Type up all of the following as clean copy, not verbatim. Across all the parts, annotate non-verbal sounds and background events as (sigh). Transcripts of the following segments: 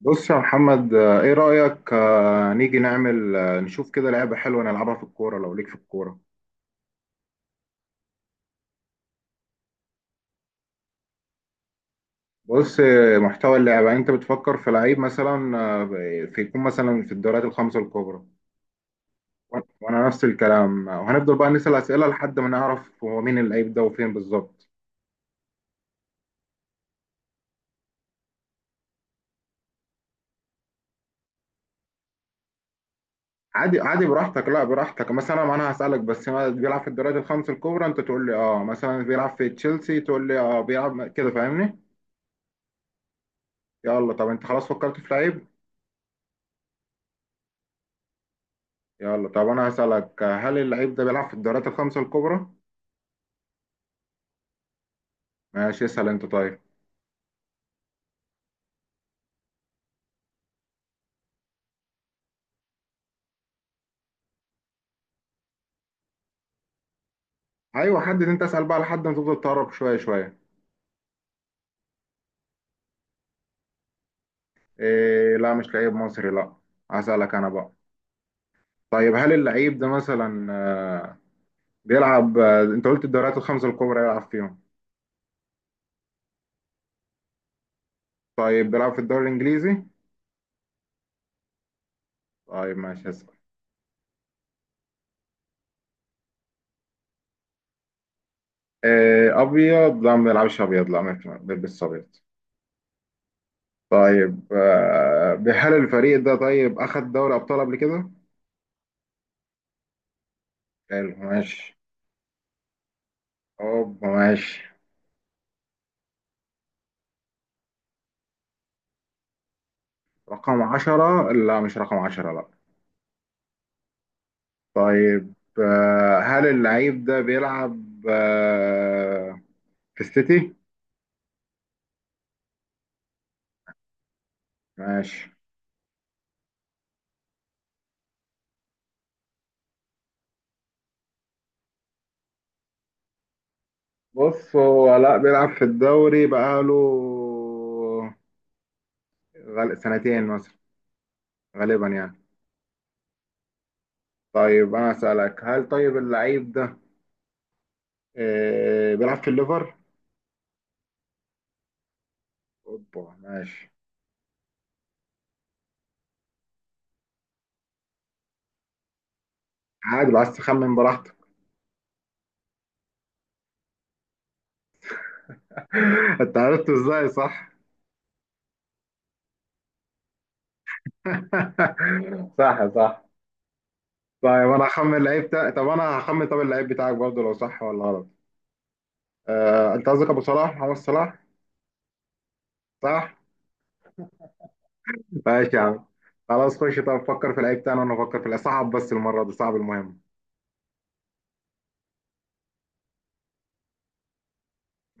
بص يا محمد، ايه رأيك؟ نيجي نعمل نشوف كده لعبة حلوة نلعبها في الكورة لو ليك في الكورة. بص، محتوى اللعبة انت بتفكر في لعيب مثلا في يكون مثلا في الدوريات الخمسة الكبرى. وأنا نفس الكلام، وهنفضل بقى نسأل أسئلة لحد ما نعرف هو مين اللعيب ده وفين بالظبط. عادي عادي، براحتك. لا براحتك، مثلا انا هسألك بس ما بيلعب في الدوريات الخمسة الكبرى، انت تقول لي اه مثلا بيلعب في تشيلسي، تقول لي اه بيلعب، كده فاهمني. يلا طب انت خلاص فكرت في لعيب؟ يلا طب انا هسألك، هل اللعيب ده بيلعب في الدوريات الخمسة الكبرى؟ ماشي، اسأل انت طيب. ايوه، حدد انت، اسأل بقى لحد ما تفضل تقرب شوية شوية. إيه، لا، مش لعيب مصري، لا. هسألك انا بقى. طيب هل اللعيب ده مثلا بيلعب، انت قلت الدوريات الخمسة الكبرى يلعب فيهم؟ طيب بيلعب في الدوري الانجليزي؟ طيب ماشي هسأل. إيه، ابيض؟ لا، ما بيلعبش ابيض، لا، ما بيلبسش ابيض. طيب، هل الفريق ده طيب اخد دوري ابطال قبل كده؟ حلو، ماشي. اوبا، ماشي. رقم عشرة؟ لا، مش رقم عشرة، لا. طيب، هل اللعيب ده بيلعب آه، في السيتي؟ ماشي. بص، هو لا بيلعب في الدوري، بقاله سنتين مثلا، غالبا يعني. طيب انا اسألك، هل طيب اللعيب ده بيلعب في الليفر؟ اوبا، ماشي. عادي، بس تخمن براحتك. (laughs) انت عرفته ازاي؟ صح؟ (laughs) صح، صح. طيب انا هخمن، طب اللعيب بتاعك برضه لو صح ولا غلط. انت قصدك ابو صلاح، محمد صلاح. صح. ماشي يا عم. خلاص، خش طب فكر في اللعيب بتاعنا وانا افكر في اللعيب. صعب بس، المره دي صعب، المهم.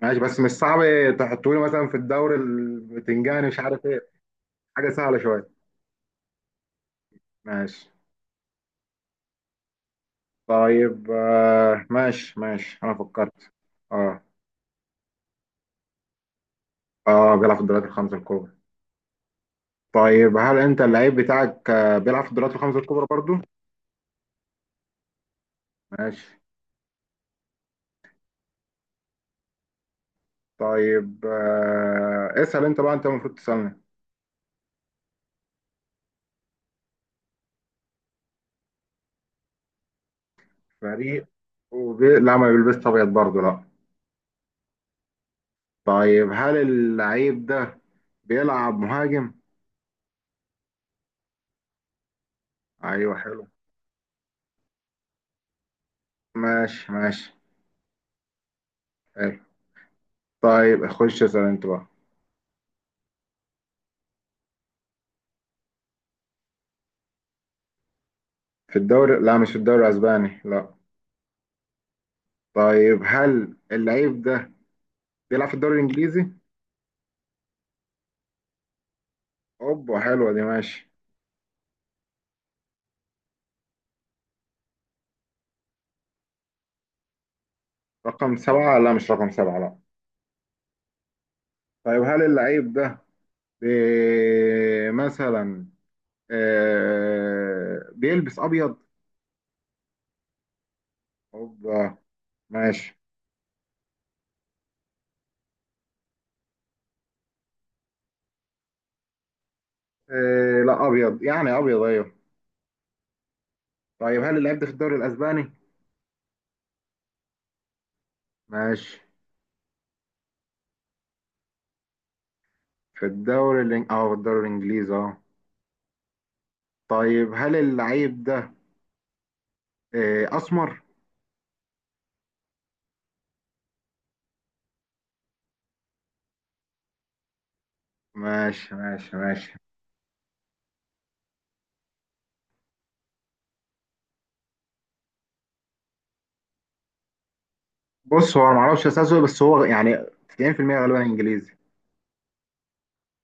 ماشي بس مش صعب. تحطوا لي مثلا في الدوري البتنجاني، مش عارف ايه. حاجه سهله شويه. ماشي. طيب، ماشي، ماشي، انا فكرت. اه، اه، بيلعب في الدوريات الخمسه الكبرى. طيب هل انت اللعيب بتاعك بيلعب في الدوريات الخمسه الكبرى برضه؟ ماشي. طيب، اسأل انت بقى، انت المفروض تسألني. فريق لا، ما بيلبسش ابيض برضه، لا. طيب هل اللعيب ده بيلعب مهاجم؟ ايوه، حلو. ماشي، ماشي. حلو. طيب خش اسأل انت بقى. في الدوري؟ لا، مش في الدوري الاسباني، لا. طيب هل اللعيب ده بيلعب في الدوري الانجليزي؟ اوبا، حلوه دي، ماشي. رقم سبعة؟ لا، مش رقم سبعة، لا. طيب هل اللعيب ده بي... مثلا بيلبس ابيض؟ اوبا. ماشي. إيه، لا، ابيض يعني، ابيض، ايوه. طيب هل اللعيب ده في الدوري الاسباني؟ ماشي. اه، في الدوري الانجليزي، اه. طيب هل اللعيب ده إيه، اسمر؟ ماشي، ماشي، ماشي. بص، هو انا ما اعرفش اساسه، بس هو يعني 90% غالبا انجليزي.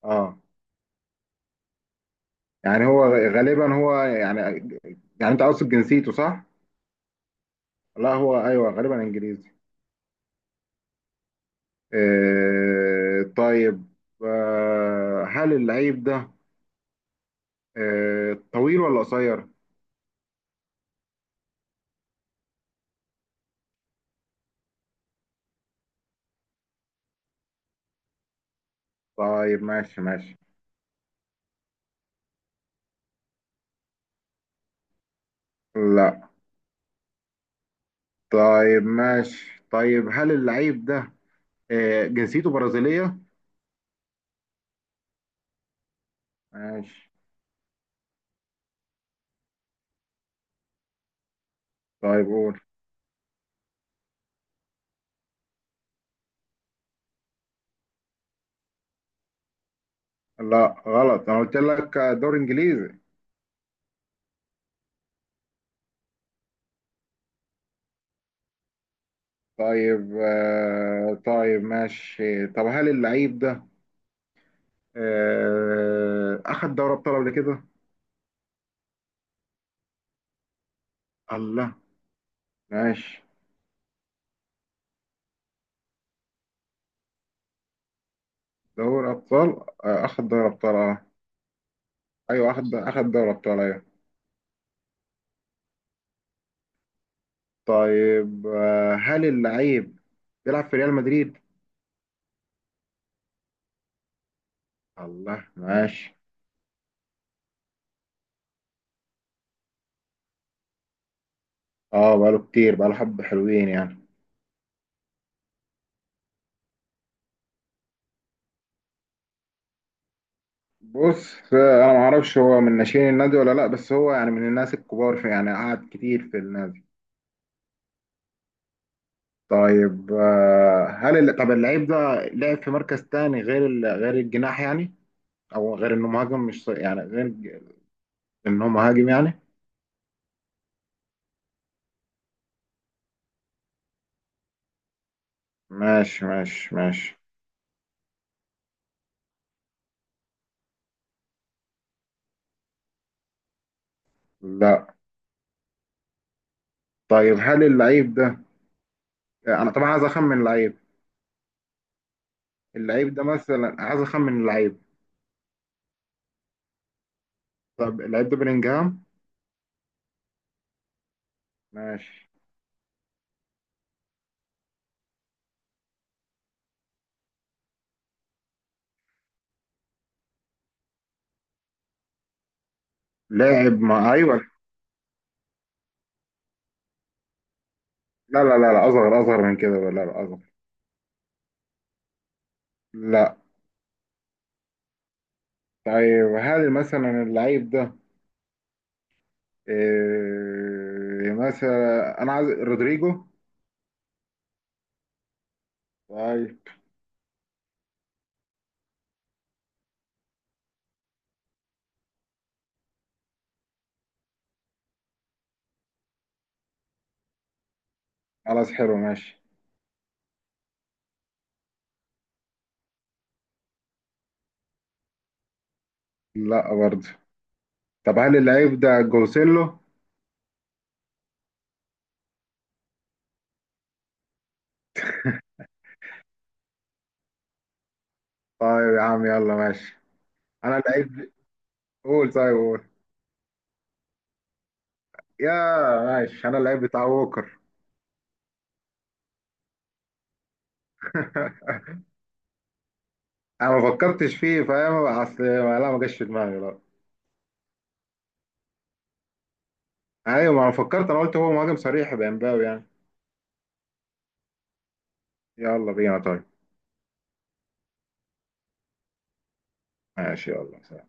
اه. يعني هو غالبا، هو يعني، يعني انت قصد جنسيته صح؟ لا هو ايوه، غالبا انجليزي. إيه، طيب. هل اللعيب ده طويل ولا قصير؟ طيب ماشي ماشي. لا. طيب ماشي، طيب هل اللعيب ده جنسيته برازيلية؟ ماشي. طيب قول. لا غلط، انا قلت لك دور انجليزي. طيب، طيب ماشي، طب هل اللعيب ده اخد دوري ابطال قبل كده؟ الله، ماشي. دوري ابطال؟ اخد دوري ابطال، اه. ايوه، اخد دوري ابطال، ايوه. طيب، هل اللعيب بيلعب في ريال مدريد؟ الله، ماشي. اه بقاله كتير، بقاله حبة حلوين يعني. بص، انا ما اعرفش هو من ناشئين النادي ولا لا، بس هو يعني من الناس الكبار في، يعني قعد كتير في النادي. طيب، طب اللعيب ده لعب في مركز تاني غير غير الجناح يعني، او غير انه مهاجم، مش ص- يعني غير ج- انه مهاجم يعني؟ ماشي، ماشي، ماشي. لا. طيب هل اللعيب ده، انا طبعا عايز اخمن اللعيب. اللعيب ده مثلا، عايز اخمن اللعيب. طب اللعيب ده بلينجهام؟ ماشي. لاعب؟ ما ايوه. لا، لا، لا، لا، اصغر اصغر من كده، لا، لا، اصغر. لا. طيب هل مثلا اللعيب ده إيه، مثلا انا عايز رودريجو؟ طيب. خلاص، حلو، ماشي. لا برضه. طب هل اللعيب ده جوسيلو؟ طيب يا عم، يلا ماشي. انا اللعيب. قول، طيب قول. يا، ماشي، انا اللعيب بتاع ووكر. (laughs) انا ما فكرتش فيه، فاهم اصل؟ لا، ما جاش في دماغي، لا. ايوه، ما انا فكرت، انا قلت هو مهاجم صريح بامباو يعني. يلا بينا، طيب. ماشي، يلا.